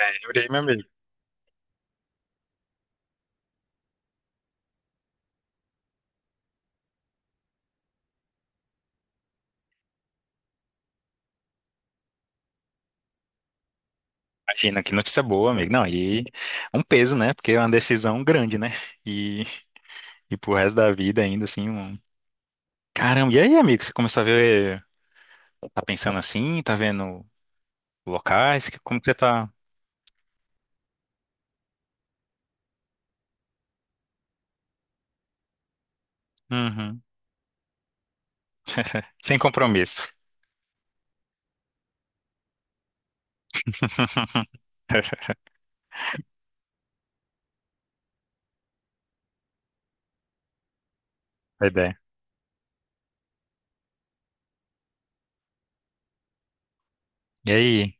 É, jurei, meu amigo. Imagina, que notícia boa, amigo. Não, e um peso, né? Porque é uma decisão grande, né? E, e pro resto da vida ainda, assim, um... Caramba, e aí, amigo, você começou a ver... Tá pensando assim? Tá vendo locais? Como que você tá? Uhum. Sem compromisso. Boa ideia. E aí?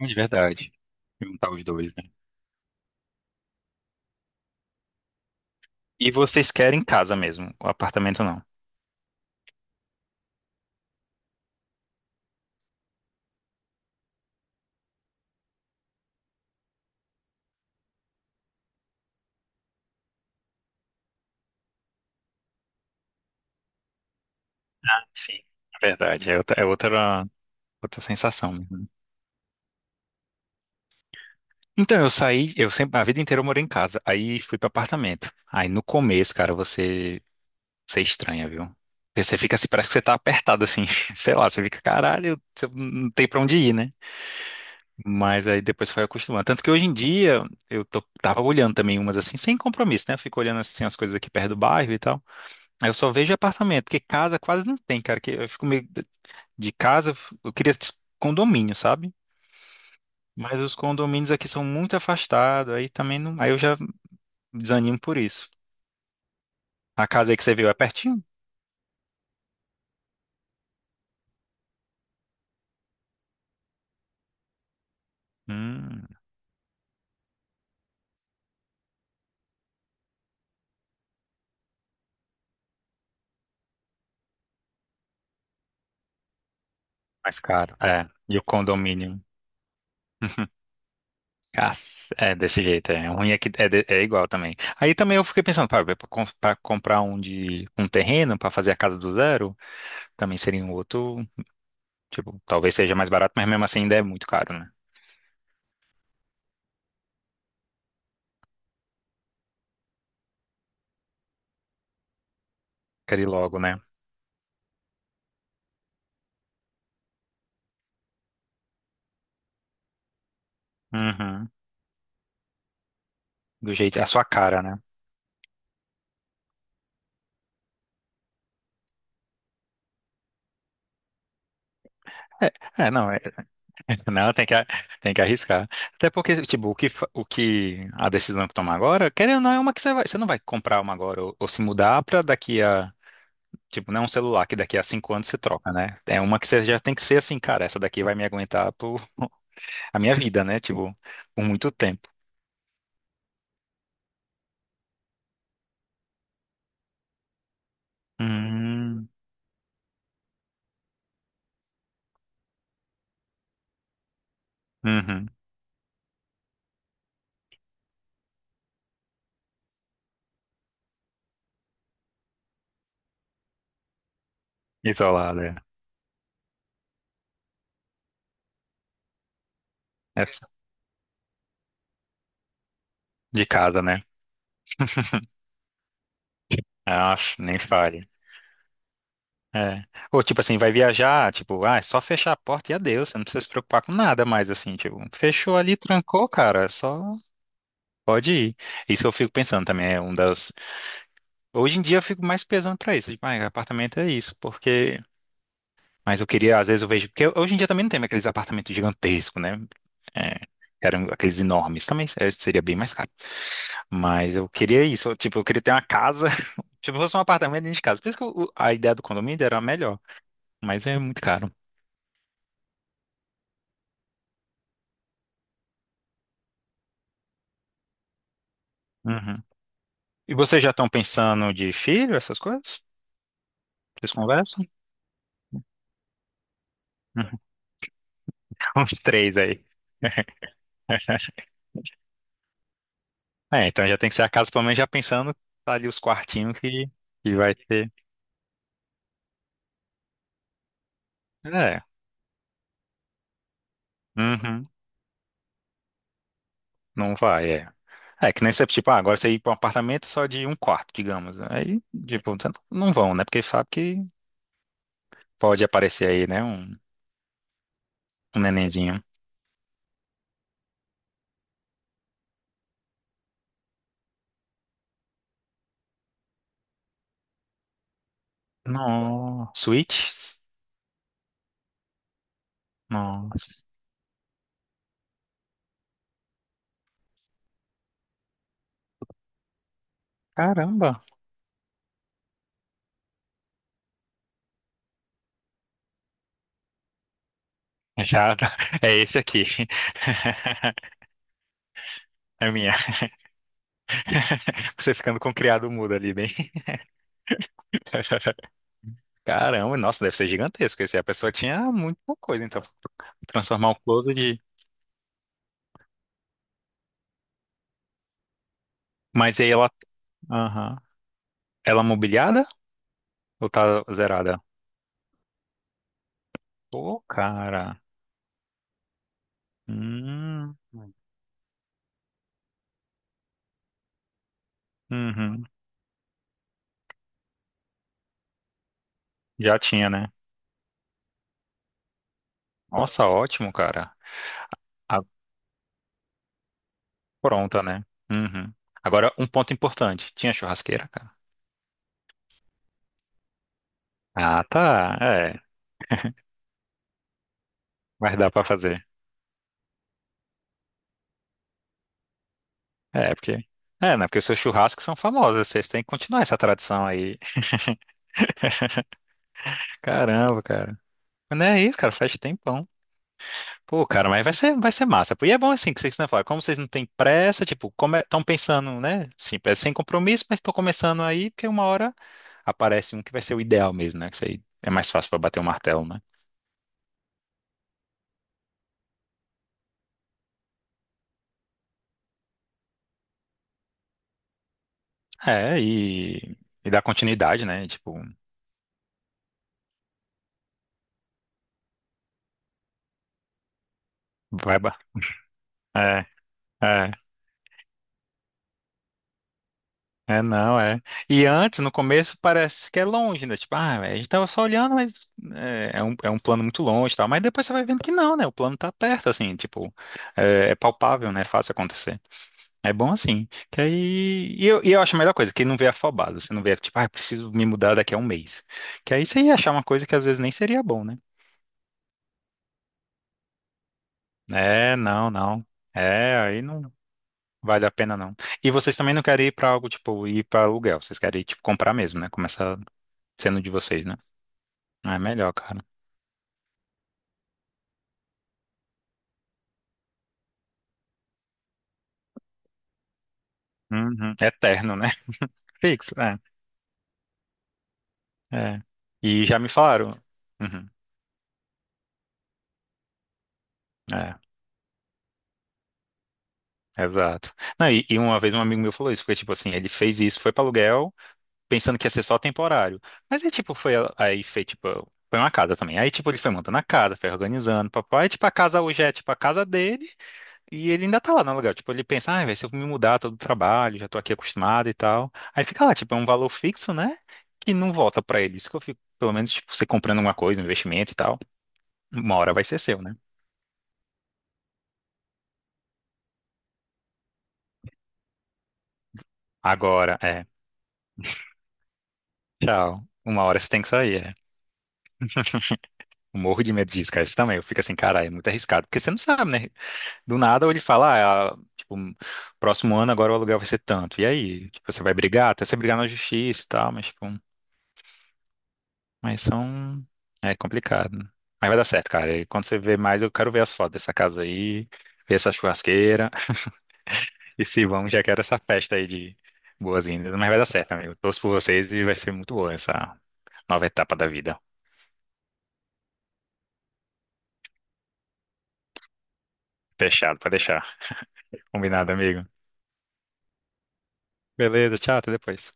Não, de verdade. Juntar os dois, né? E vocês querem casa mesmo, o apartamento não. Sim. Verdade, é outra, outra sensação, né? Então, eu sempre, a vida inteira eu morei em casa. Aí fui para apartamento. Aí no começo, cara, você é estranha, viu? Porque você fica assim, parece que você tá apertado assim. Sei lá, você fica, caralho, você não tem pra onde ir, né? Mas aí depois foi acostumando. Tanto que hoje em dia eu tava olhando também umas assim, sem compromisso, né? Eu fico olhando assim as coisas aqui perto do bairro e tal. Aí eu só vejo apartamento, porque casa quase não tem, cara. Que eu fico meio de casa, eu queria condomínio, sabe? Mas os condomínios aqui são muito afastados, aí também não. Aí eu já desanimo por isso. A casa aí que você viu é pertinho? Hum, mais caro. É. E o condomínio? Cac- É desse jeito, é ruim é que é, é igual também. Aí também eu fiquei pensando, para comprar um de um terreno para fazer a casa do zero, também seria um outro, tipo, talvez seja mais barato, mas mesmo assim ainda é muito caro, né? Quero ir logo, né? Uhum. Do jeito, a sua cara, né? É, Não, tem que arriscar. Até porque, tipo, o que a decisão que tomar agora, querendo ou não, é uma que você não vai comprar uma agora ou se mudar pra daqui a, tipo, não é um celular que daqui a cinco anos você troca, né? É uma que você já tem que ser assim, cara, essa daqui vai me aguentar por a minha vida, né? Tipo, por muito tempo. Hum, uhum. Isolada, é. Essa- De casa, né? Ah, nem fale. É. Ou tipo assim, vai viajar, tipo, ah, é só fechar a porta e adeus, você não precisa se preocupar com nada mais, assim, tipo, fechou ali, trancou, cara, só pode ir. Isso eu fico pensando também, é um das. Hoje em dia eu fico mais pesando pra isso, tipo, ah, apartamento é isso, porque. Mas eu queria, às vezes eu vejo, porque hoje em dia também não tem mais aqueles apartamentos gigantescos, né? É, eram aqueles enormes, também é, seria bem mais caro. Mas eu queria isso, eu, tipo, eu queria ter uma casa, tipo, fosse um apartamento dentro de casa. Por isso que a ideia do condomínio era a melhor, mas é muito caro. Uhum. E vocês já estão pensando de filho, essas coisas? Vocês conversam? Uhum. Uns três aí. É, então já tem que ser a casa, pelo menos já pensando, tá ali os quartinhos que vai ter. É, uhum. Não vai, é. É, que nem você, tipo, ah, agora você ir para um apartamento só de um quarto, digamos. Aí, tipo, você não não vão, né? Porque sabe que pode aparecer aí, né? Um nenenzinho. Nossa, Switch? Nossa. Caramba. Já, é esse aqui. É minha. Você ficando com o criado mudo ali, bem. Caramba, nossa, deve ser gigantesco esse. A pessoa tinha muita coisa, então. Transformar um closet de. Mas aí ela. Aham. Ela mobiliada ou tá zerada? Pô, cara. Hum. Uhum. Já tinha, né? Nossa, ótimo, cara. A pronta, né? Uhum. Agora, um ponto importante. Tinha churrasqueira, cara? Ah, tá. É. Mas dá pra fazer. É, porque. É, né? Porque os seus churrascos são famosos. Vocês têm que continuar essa tradição aí. Caramba, cara. Mas não é isso, cara, faz tempão. Pô, cara, mas vai ser massa, pô. E é bom assim que vocês não falam, como vocês não têm pressa, tipo, estão pensando, né? Sim, é sem compromisso, mas estão começando aí, porque uma hora aparece um que vai ser o ideal mesmo, né? Que isso aí é mais fácil pra bater o martelo, né? É, e dar continuidade, né? Tipo, vai, ba- é, é. É, não, é. E antes, no começo, parece que é longe, né? Tipo, ah, a gente tava só olhando, mas é um plano muito longe e tal. Mas depois você vai vendo que não, né? O plano tá perto, assim, tipo, é, é palpável, né? É fácil acontecer. É bom assim. Que aí. E eu acho a melhor coisa, que não vê afobado. Você não vê, tipo, ah, preciso me mudar daqui a um mês. Que aí você ia achar uma coisa que às vezes nem seria bom, né? É, não, não. É, aí não vale a pena, não. E vocês também não querem ir pra algo, tipo, ir pra aluguel. Vocês querem, tipo, comprar mesmo, né? Começar sendo de vocês, né? Ah, é melhor, cara. Uhum. Eterno, né? Fixo, é. É. E já me falaram. Uhum. É, exato. Não, e uma vez um amigo meu falou isso, porque, tipo assim, ele fez isso, foi para aluguel, pensando que ia ser só temporário. Mas aí, tipo, foi, aí fez, tipo, foi uma casa também. Aí, tipo, ele foi montando a casa, foi organizando, papai, e, tipo, a casa hoje é, tipo, a casa dele, e ele ainda tá lá no aluguel. Tipo, ele pensa, ah, velho, se eu me mudar, todo trabalho, já tô aqui acostumado e tal. Aí fica lá, tipo, é um valor fixo, né? Que não volta pra ele. Isso que eu fico, pelo menos, tipo, você comprando alguma coisa, um investimento e tal, uma hora vai ser seu, né? Agora, é, tchau. Uma hora você tem que sair, é. Eu morro de medo disso, cara. Isso também. Eu fico assim, cara, é muito arriscado. Porque você não sabe, né? Do nada, ou ele fala, ah, tipo, próximo ano agora o aluguel vai ser tanto. E aí? Tipo, você vai brigar, até você brigar na justiça e tal, mas, tipo. Mas são. É complicado. Mas vai dar certo, cara. E quando você vê mais, eu quero ver as fotos dessa casa aí, ver essa churrasqueira. E se vamos, já quero essa festa aí de boas-vindas. Mas vai dar certo, amigo. Torço por vocês e vai ser muito boa essa nova etapa da vida. Fechado, pode deixar. Combinado, amigo. Beleza, tchau, até depois.